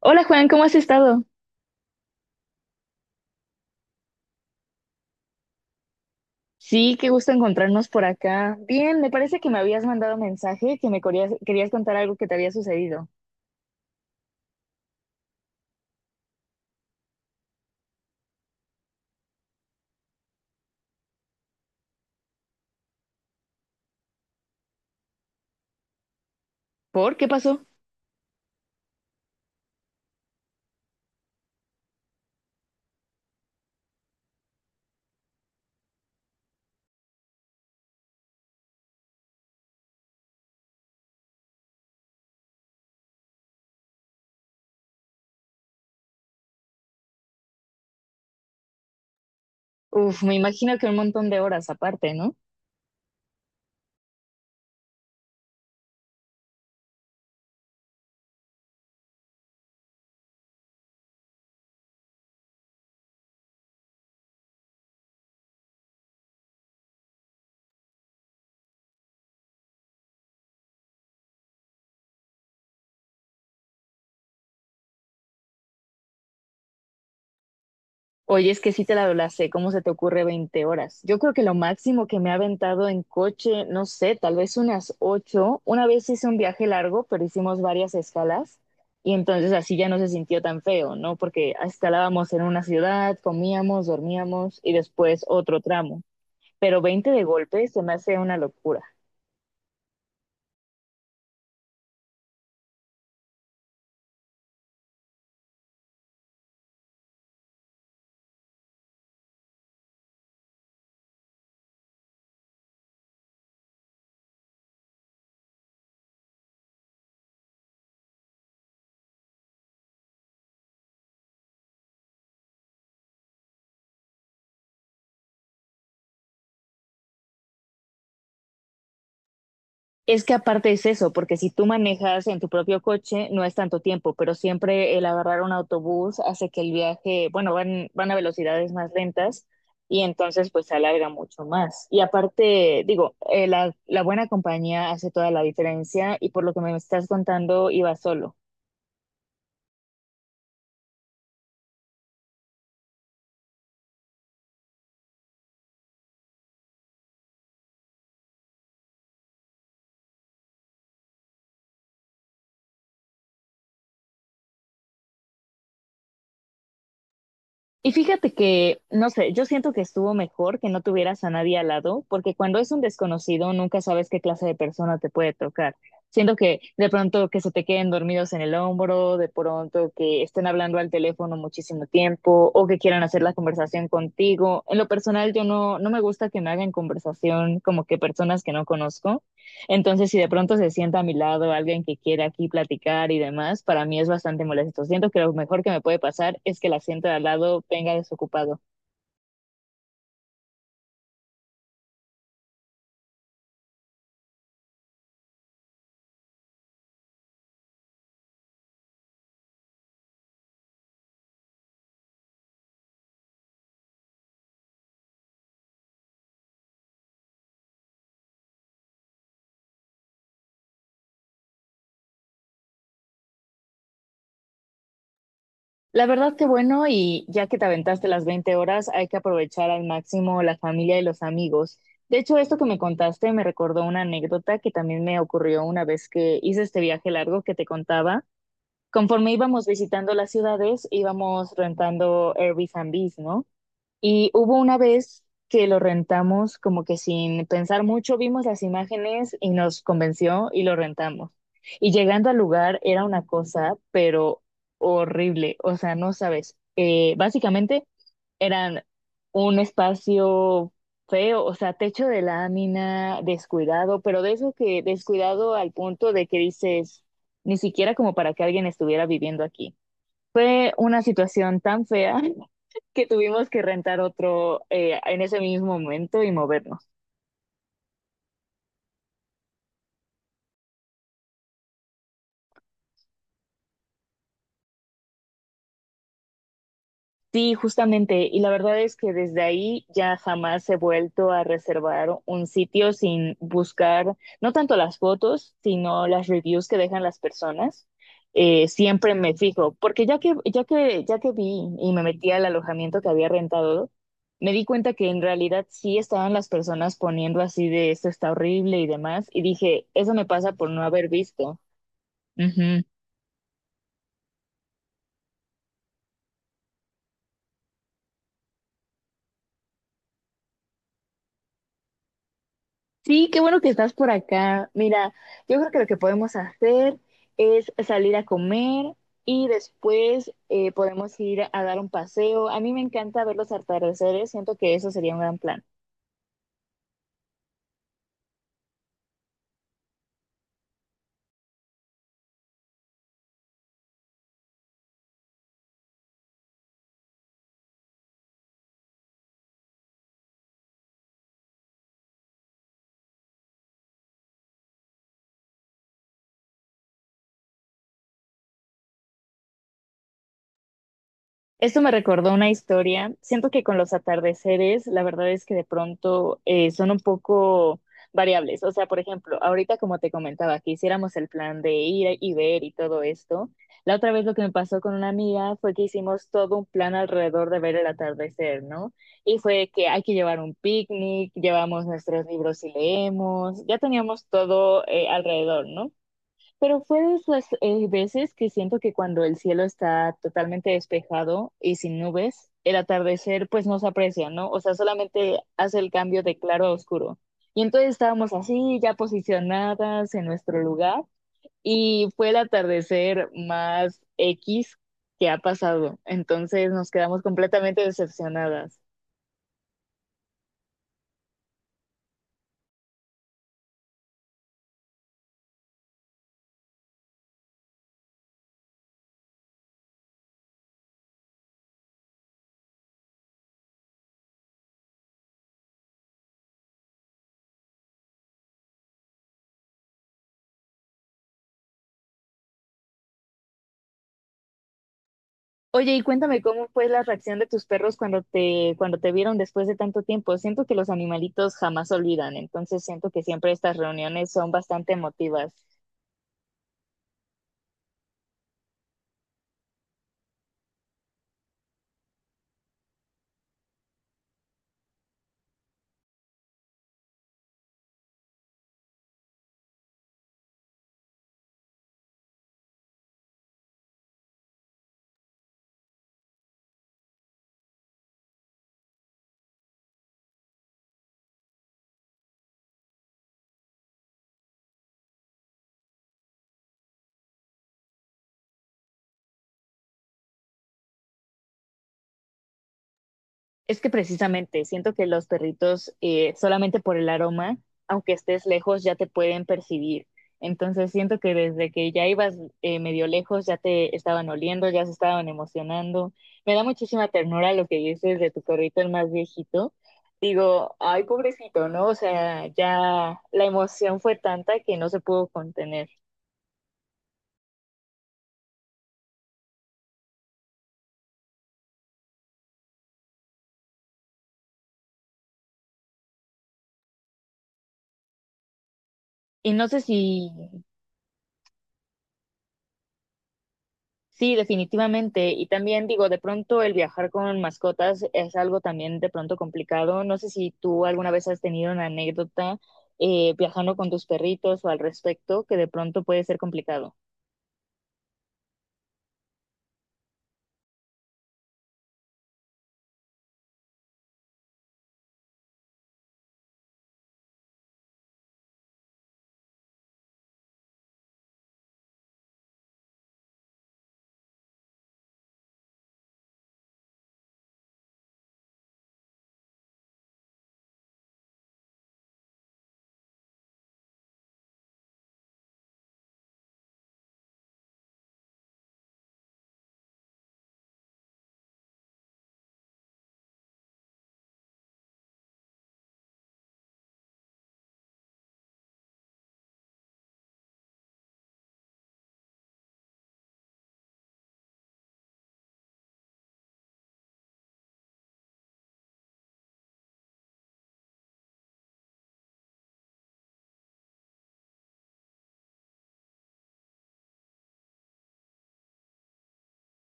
Hola Juan, ¿cómo has estado? Sí, qué gusto encontrarnos por acá. Bien, me parece que me habías mandado mensaje que me querías contar algo que te había sucedido. ¿Por qué pasó? Uf, me imagino que un montón de horas aparte, ¿no? Oye, es que sí te la doblacé, ¿cómo se te ocurre 20 horas? Yo creo que lo máximo que me ha aventado en coche, no sé, tal vez unas 8. Una vez hice un viaje largo, pero hicimos varias escalas y entonces así ya no se sintió tan feo, ¿no? Porque escalábamos en una ciudad, comíamos, dormíamos y después otro tramo. Pero 20 de golpe se me hace una locura. Es que aparte es eso, porque si tú manejas en tu propio coche no es tanto tiempo, pero siempre el agarrar un autobús hace que el viaje, bueno, van, van a velocidades más lentas y entonces pues se alarga mucho más. Y aparte, digo, la buena compañía hace toda la diferencia y por lo que me estás contando iba solo. Y fíjate que, no sé, yo siento que estuvo mejor que no tuvieras a nadie al lado, porque cuando es un desconocido nunca sabes qué clase de persona te puede tocar. Siento que de pronto que se te queden dormidos en el hombro, de pronto que estén hablando al teléfono muchísimo tiempo o que quieran hacer la conversación contigo. En lo personal, yo no me gusta que me hagan conversación como que personas que no conozco. Entonces, si de pronto se sienta a mi lado alguien que quiere aquí platicar y demás, para mí es bastante molesto. Siento que lo mejor que me puede pasar es que el asiento de al lado venga desocupado. La verdad que bueno, y ya que te aventaste las 20 horas, hay que aprovechar al máximo la familia y los amigos. De hecho, esto que me contaste me recordó una anécdota que también me ocurrió una vez que hice este viaje largo que te contaba. Conforme íbamos visitando las ciudades, íbamos rentando Airbnb, ¿no? Y hubo una vez que lo rentamos como que sin pensar mucho, vimos las imágenes y nos convenció y lo rentamos. Y llegando al lugar era una cosa, pero horrible, o sea, no sabes. Básicamente eran un espacio feo, o sea, techo de lámina, descuidado, pero de eso que descuidado al punto de que dices, ni siquiera como para que alguien estuviera viviendo aquí. Fue una situación tan fea que tuvimos que rentar otro en ese mismo momento y movernos. Sí, justamente. Y la verdad es que desde ahí ya jamás he vuelto a reservar un sitio sin buscar, no tanto las fotos, sino las reviews que dejan las personas. Siempre me fijo, porque ya que vi y me metí al alojamiento que había rentado, me di cuenta que en realidad sí estaban las personas poniendo así de esto está horrible y demás, y dije, eso me pasa por no haber visto. Sí, qué bueno que estás por acá. Mira, yo creo que lo que podemos hacer es salir a comer y después podemos ir a dar un paseo. A mí me encanta ver los atardeceres, siento que eso sería un gran plan. Esto me recordó una historia. Siento que con los atardeceres, la verdad es que de pronto son un poco variables. O sea, por ejemplo, ahorita como te comentaba, que hiciéramos el plan de ir y ver y todo esto. La otra vez lo que me pasó con una amiga fue que hicimos todo un plan alrededor de ver el atardecer, ¿no? Y fue que hay que llevar un picnic, llevamos nuestros libros y leemos, ya teníamos todo alrededor, ¿no? Pero fue de esas veces que siento que cuando el cielo está totalmente despejado y sin nubes, el atardecer pues no se aprecia, ¿no? O sea, solamente hace el cambio de claro a oscuro. Y entonces estábamos así, ya posicionadas en nuestro lugar, y fue el atardecer más X que ha pasado. Entonces nos quedamos completamente decepcionadas. Oye, y cuéntame cómo fue la reacción de tus perros cuando te vieron después de tanto tiempo. Siento que los animalitos jamás olvidan, entonces siento que siempre estas reuniones son bastante emotivas. Es que precisamente siento que los perritos, solamente por el aroma, aunque estés lejos, ya te pueden percibir. Entonces siento que desde que ya ibas medio lejos, ya te estaban oliendo, ya se estaban emocionando. Me da muchísima ternura lo que dices de tu perrito, el más viejito. Digo, ay, pobrecito, ¿no? O sea, ya la emoción fue tanta que no se pudo contener. Y no sé si sí, definitivamente. Y también digo, de pronto el viajar con mascotas es algo también de pronto complicado. No sé si tú alguna vez has tenido una anécdota viajando con tus perritos o al respecto, que de pronto puede ser complicado.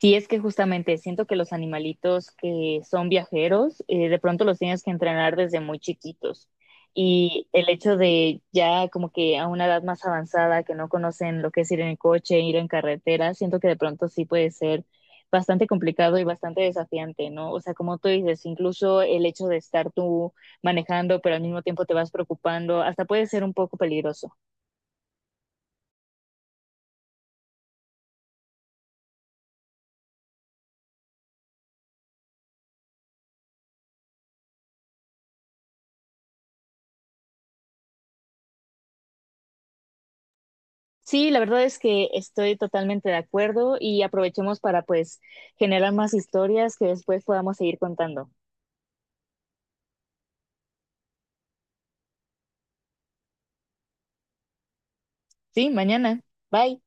Sí, es que justamente siento que los animalitos que son viajeros, de pronto los tienes que entrenar desde muy chiquitos. Y el hecho de ya como que a una edad más avanzada, que no conocen lo que es ir en el coche, ir en carretera, siento que de pronto sí puede ser bastante complicado y bastante desafiante, ¿no? O sea, como tú dices, incluso el hecho de estar tú manejando, pero al mismo tiempo te vas preocupando, hasta puede ser un poco peligroso. Sí, la verdad es que estoy totalmente de acuerdo y aprovechemos para pues generar más historias que después podamos seguir contando. Sí, mañana. Bye.